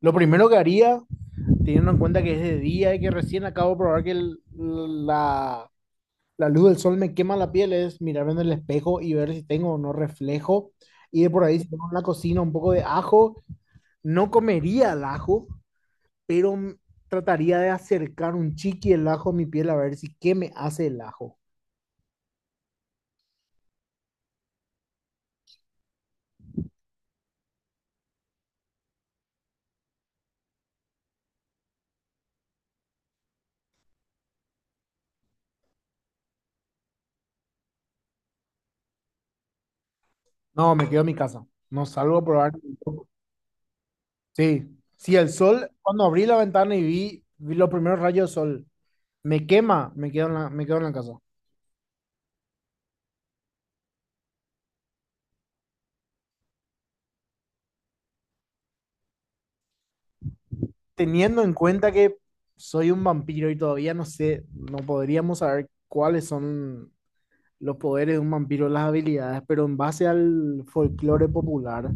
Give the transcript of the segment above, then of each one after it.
Lo primero que haría, teniendo en cuenta que es de día y que recién acabo de probar que la, la luz del sol me quema la piel, es mirarme en el espejo y ver si tengo o no reflejo. Y de por ahí, si tengo en la cocina un poco de ajo, no comería el ajo, pero m- trataría de acercar un chiqui el ajo a mi piel a ver si qué me hace el ajo. No, me quedo en mi casa. No salgo a probar. Sí, si el sol, cuando abrí la ventana y vi los primeros rayos de sol, me quema, me quedo en la casa. Teniendo en cuenta que soy un vampiro y todavía no sé, no podríamos saber cuáles son los poderes de un vampiro, las habilidades, pero en base al folclore popular,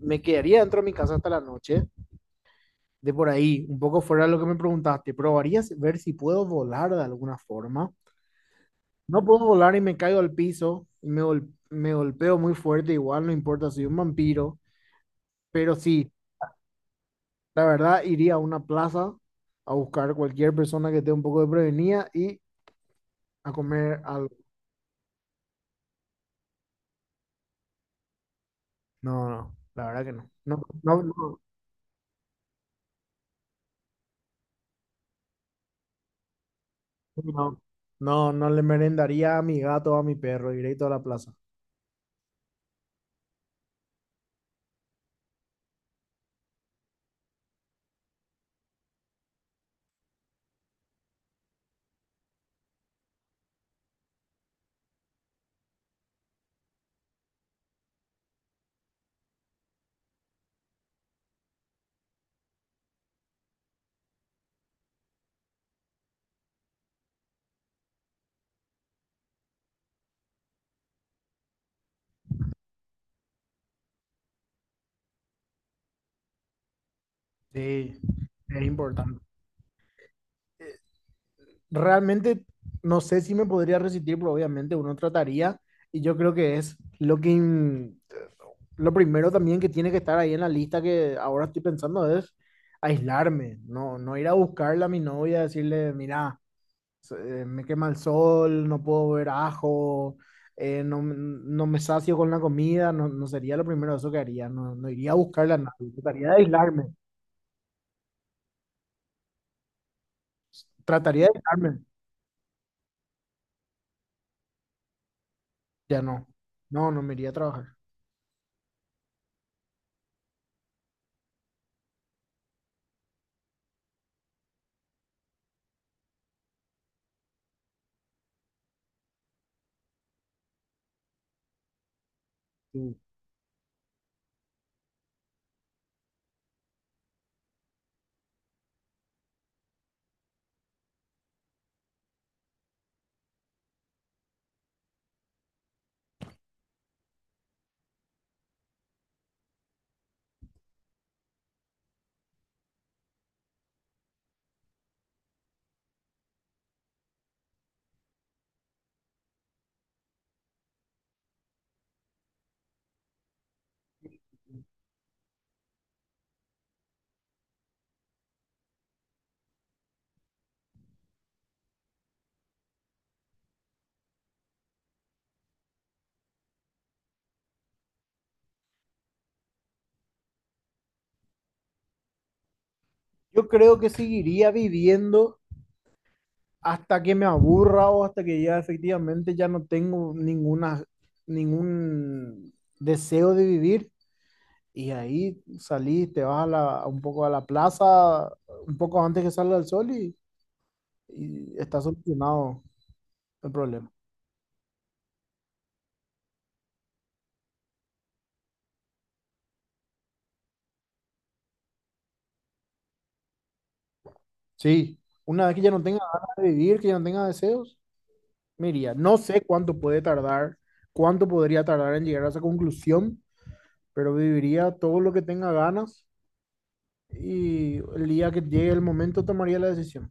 me quedaría dentro de mi casa hasta la noche, de por ahí, un poco fuera de lo que me preguntaste, probaría ver si puedo volar de alguna forma. No puedo volar y me caigo al piso y me golpeo muy fuerte, igual no importa, soy un vampiro, pero sí, la verdad iría a una plaza a buscar cualquier persona que esté un poco de prevenida y a comer algo. No, no, la verdad que no. No, no, no, no no, no le merendaría a mi gato o a mi perro, directo a la plaza. Sí, es importante. Realmente no sé si me podría resistir, pero obviamente uno trataría y yo creo que es lo lo primero también que tiene que estar ahí en la lista que ahora estoy pensando es aislarme, no, no ir a buscarla a mi novia, decirle, mira, me quema el sol, no puedo ver ajo, no, no me sacio con la comida, no, no sería lo primero eso que haría, no, no iría a buscarla a nadie, trataría de aislarme, ya no, no, no me iría a trabajar. Sí. Yo creo que seguiría viviendo hasta que me aburra o hasta que ya efectivamente ya no tengo ninguna, ningún deseo de vivir. Y ahí salís, te vas a un poco a la plaza, un poco antes que salga el sol y está solucionado el problema. Sí, una vez que ya no tenga ganas de vivir, que ya no tenga deseos, me iría. No sé cuánto puede tardar, cuánto podría tardar en llegar a esa conclusión, pero viviría todo lo que tenga ganas y el día que llegue el momento tomaría la decisión.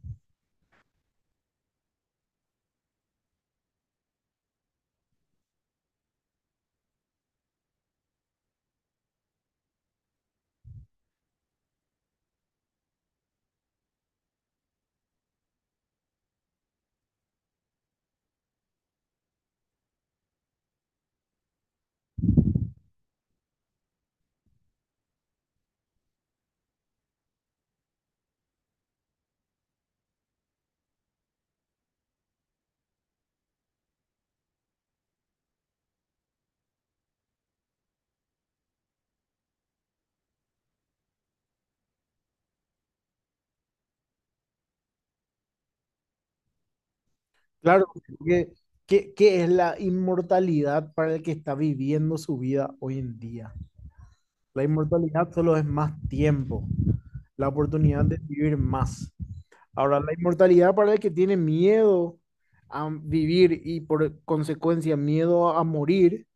Claro, porque ¿qué, qué es la inmortalidad para el que está viviendo su vida hoy en día? La inmortalidad solo es más tiempo, la oportunidad de vivir más. Ahora, la inmortalidad para el que tiene miedo a vivir y por consecuencia miedo a morir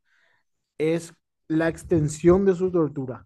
es la extensión de su tortura.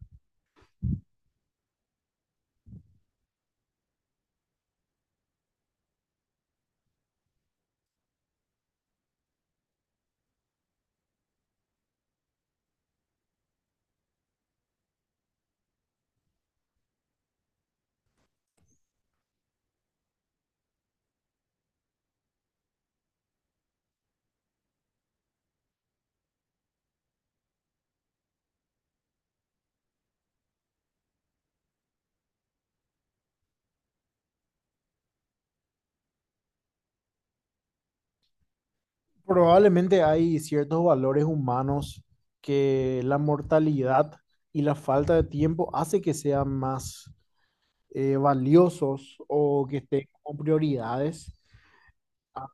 Probablemente hay ciertos valores humanos que la mortalidad y la falta de tiempo hace que sean más valiosos o que estén como prioridades.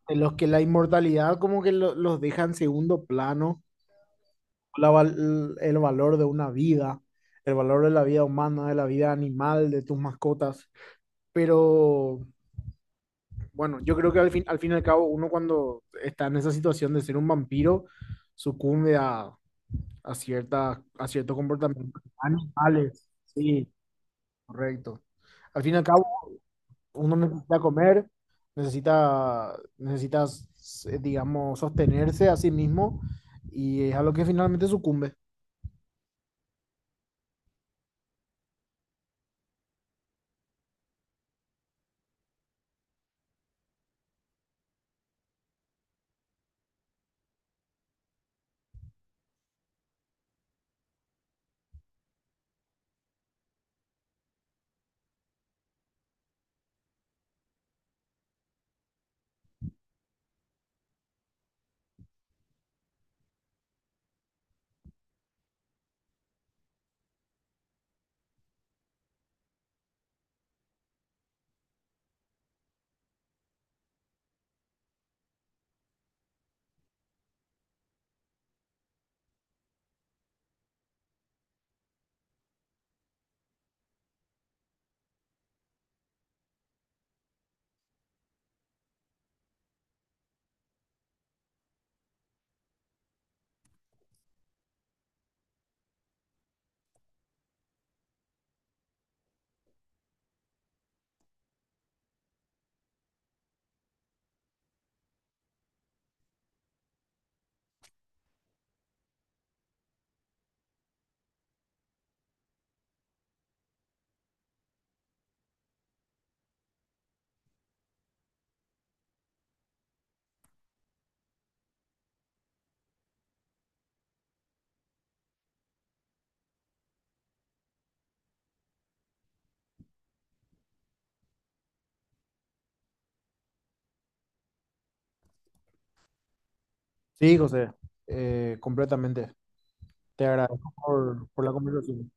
En los que la inmortalidad como que los deja en segundo plano, el valor de una vida, el valor de la vida humana, de la vida animal, de tus mascotas. Pero bueno, yo creo que al fin y al cabo uno cuando está en esa situación de ser un vampiro, sucumbe a cierta, a cierto comportamiento. Animales, sí, correcto. Al fin y al cabo uno necesita comer, necesita, necesitas, digamos, sostenerse a sí mismo y es a lo que finalmente sucumbe. Sí, José, completamente. Te agradezco por la conversación.